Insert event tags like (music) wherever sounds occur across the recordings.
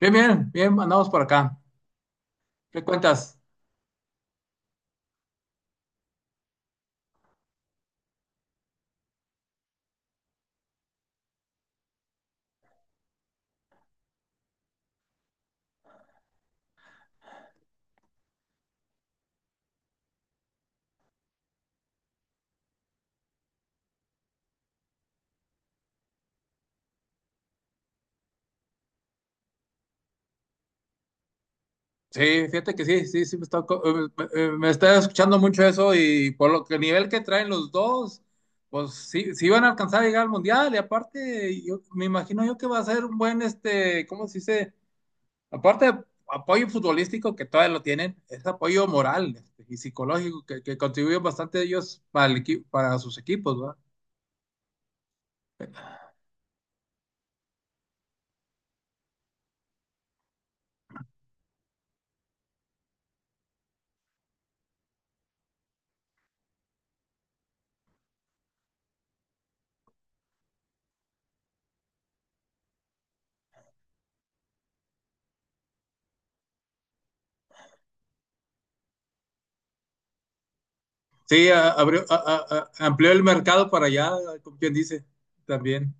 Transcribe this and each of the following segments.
Bien, bien, bien, andamos por acá. ¿Qué cuentas? Sí, fíjate que sí, sí, sí, me está escuchando mucho eso. Y por lo que el nivel que traen los dos, pues sí, sí van a alcanzar a llegar al mundial. Y aparte, yo me imagino yo que va a ser un buen, ¿cómo se dice? Aparte de apoyo futbolístico que todavía lo tienen, es apoyo moral, y psicológico que contribuyen bastante ellos para sus equipos, ¿verdad? Sí, a- abrió, a- amplió el mercado para allá, como quien dice, también.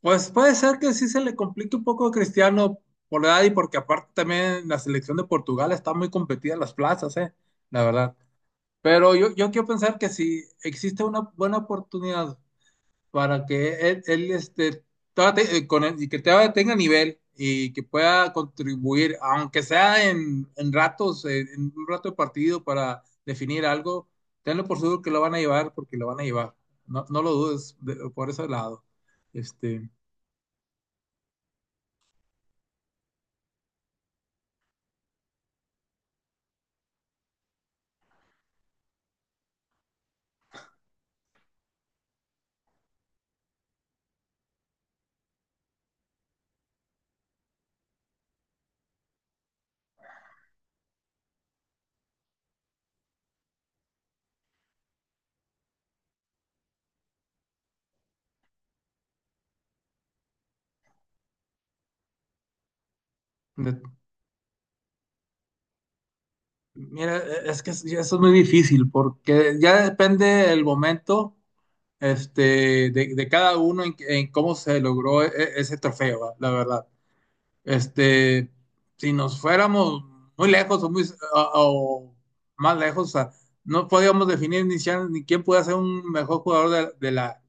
Pues puede ser que sí se le complique un poco a Cristiano por la edad, y porque aparte también la selección de Portugal está muy competida en las plazas, la verdad. Pero yo quiero pensar que si existe una buena oportunidad para que trate, y que todavía tenga nivel y que pueda contribuir, aunque sea en, ratos, en un rato de partido para definir algo. Tenlo por seguro que lo van a llevar porque lo van a llevar. No, no lo dudes por ese lado. Este, de- Mira, es que ya eso es muy difícil, porque ya depende el momento, de, cada uno en, cómo se logró ese trofeo, va, la verdad. Este, si nos fuéramos muy lejos, o más lejos, o sea, no podíamos definir ni siquiera ni quién puede ser un mejor jugador de, de la,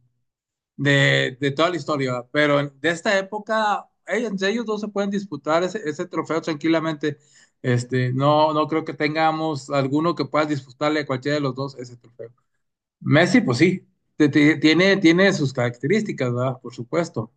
de, de toda la historia. Pero de esta época, ey, entre ellos dos se pueden disputar ese trofeo tranquilamente. No, no creo que tengamos alguno que pueda disputarle a cualquiera de los dos ese trofeo. Messi, pues sí, tiene sus características, ¿verdad? Por supuesto.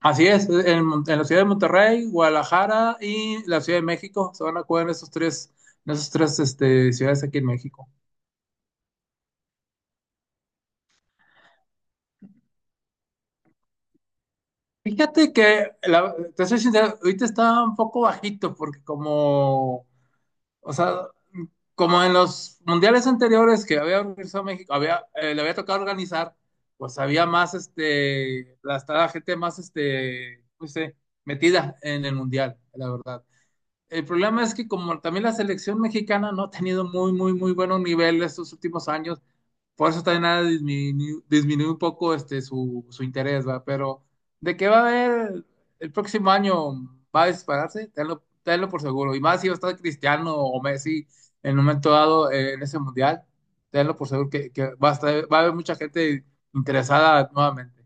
Así es, en la ciudad de Monterrey, Guadalajara y la Ciudad de México se van a jugar. En esos tres, en esas tres ciudades aquí en México. Fíjate que, te soy sincero, ahorita está un poco bajito porque como O sea, como en los mundiales anteriores que había organizado México, había, le había tocado organizar, pues había más, estaba gente más, no sé, metida en el mundial, la verdad. El problema es que como también la selección mexicana no ha tenido muy, muy, muy buenos niveles estos últimos años, por eso también ha disminuido un poco, su interés, ¿va? Pero de que va a haber el próximo año, va a dispararse, tenlo, tenlo por seguro. Y más si va a estar Cristiano o Messi en un momento dado, en ese mundial, tenlo por seguro que, va a haber mucha gente interesada nuevamente.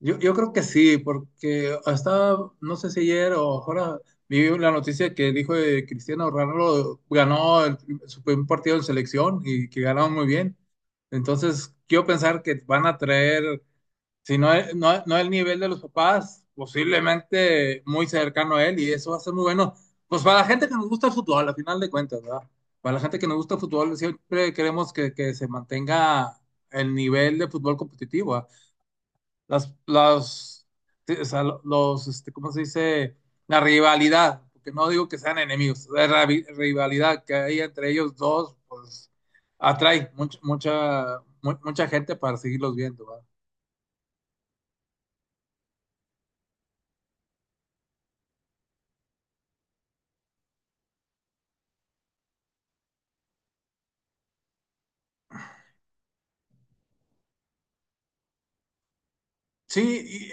Yo creo que sí, porque hasta, no sé si ayer o ahora, vi la noticia que dijo de Cristiano Ronaldo. Ganó su primer partido en selección y que ganaron muy bien. Entonces, quiero pensar que van a traer, si no, no, no el nivel de los papás, posiblemente muy cercano a él, y eso va a ser muy bueno. Pues para la gente que nos gusta el fútbol, al final de cuentas, ¿verdad? Para la gente que nos gusta el fútbol, siempre queremos que se mantenga el nivel de fútbol competitivo, las, sí, o sea, los, ¿cómo se dice? La rivalidad, porque no digo que sean enemigos, la rivalidad que hay entre ellos dos, pues atrae mucha, mucha, mucha gente para seguirlos viendo, ¿va? Sí, y,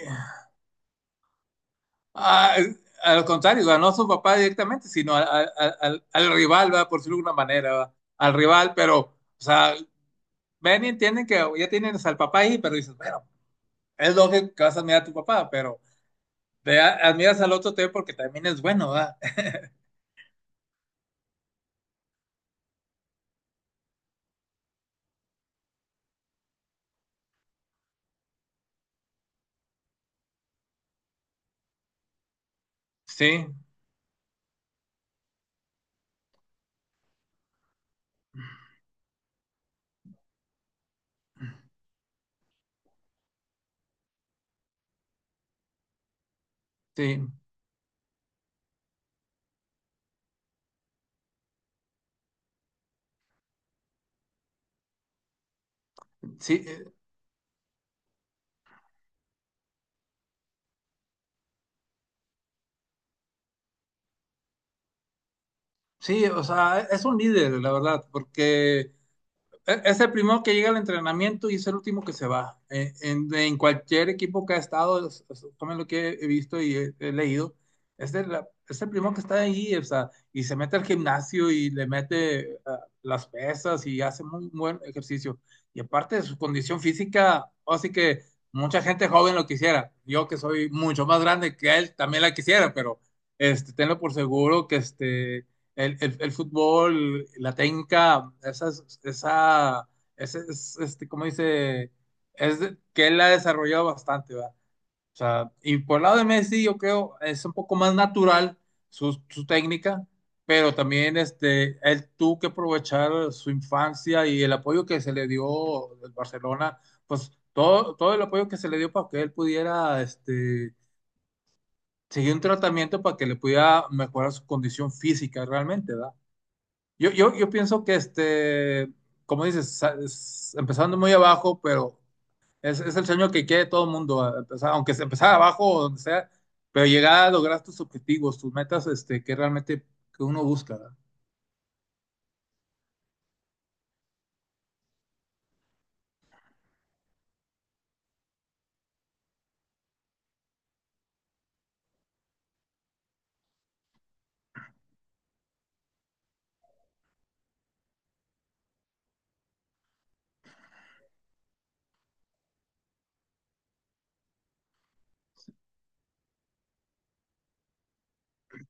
ah, al contrario, ¿va? No a su papá directamente, sino al rival, ¿va? Por decirlo de alguna manera, ¿va? Al rival, pero, o sea, ven y entienden que ya tienes al papá ahí, pero dices, bueno, es lógico que vas a mirar a tu papá, pero te admiras al otro también porque también es bueno, ¿verdad? (laughs) Sí, sí, sí, sí, o sea, es un líder, la verdad, porque es el primero que llega al entrenamiento y es el último que se va. En cualquier equipo que ha estado, es, tomen lo que he visto y he leído, es el, es el primero que está ahí. O sea, y se mete al gimnasio y le mete, las pesas y hace muy buen ejercicio. Y aparte de su condición física, así que mucha gente joven lo quisiera. Yo que soy mucho más grande que él, también la quisiera. Pero, tenlo por seguro que, el fútbol, la técnica, esa esa, ese, es- este, ¿cómo dice? Es que él la ha desarrollado bastante, ¿verdad? O sea, y por el lado de Messi, yo creo, es un poco más natural su técnica. Pero también, él tuvo que aprovechar su infancia y el apoyo que se le dio del Barcelona, pues todo, todo el apoyo que se le dio para que él pudiera, seguir un tratamiento para que le pudiera mejorar su condición física realmente, ¿verdad? Yo pienso que, como dices, empezando muy abajo, pero es el sueño que quiere todo el mundo, empezar, aunque sea empezar abajo o donde sea, pero llegar a lograr tus objetivos, tus metas, que realmente que uno busca, ¿verdad?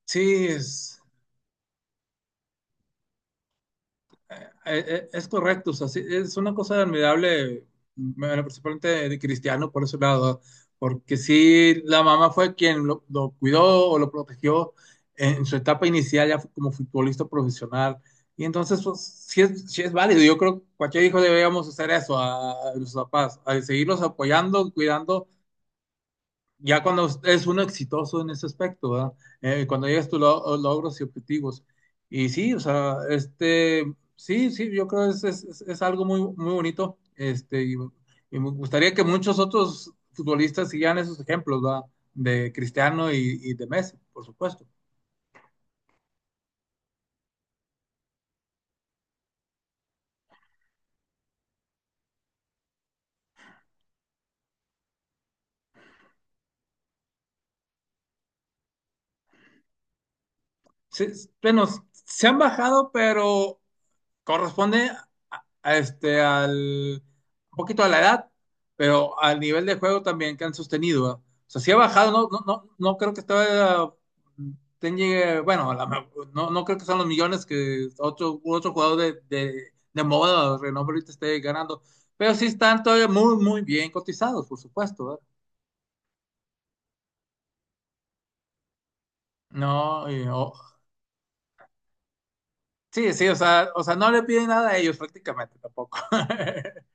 Sí, es correcto, o sea, sí, es una cosa admirable. Bueno, principalmente de Cristiano por ese lado, porque sí, la mamá fue quien lo cuidó o lo protegió en su etapa inicial ya como futbolista profesional. Y entonces, pues, sí es válido. Yo creo que cualquier hijo deberíamos hacer eso a nuestros papás, a seguirlos apoyando, cuidando, ya cuando es uno exitoso en ese aspecto, ¿verdad? Cuando llegas tus logros y objetivos. Y sí, o sea, sí, sí, yo creo que es algo muy, muy bonito. Y me gustaría que muchos otros futbolistas sigan esos ejemplos, ¿verdad? De Cristiano y de Messi, por supuesto. Sí, bueno, se han bajado, pero corresponde, a- a este, al, un poquito, a la edad, pero al nivel de juego también que han sostenido, ¿ah? O sea, si ha bajado, no, no, no, no creo que estaba, bueno, no, no creo que sean los millones que otro jugador de moda, de renombre ahorita esté ganando, pero sí están todavía muy, muy bien cotizados, por supuesto, ¿verdad? No, sí, sí, o sea, no le piden nada a ellos prácticamente tampoco. (laughs)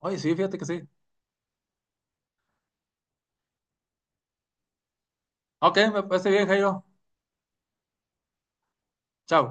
Oye, sí, fíjate que sí. Ok, me parece bien, Jairo. Chao.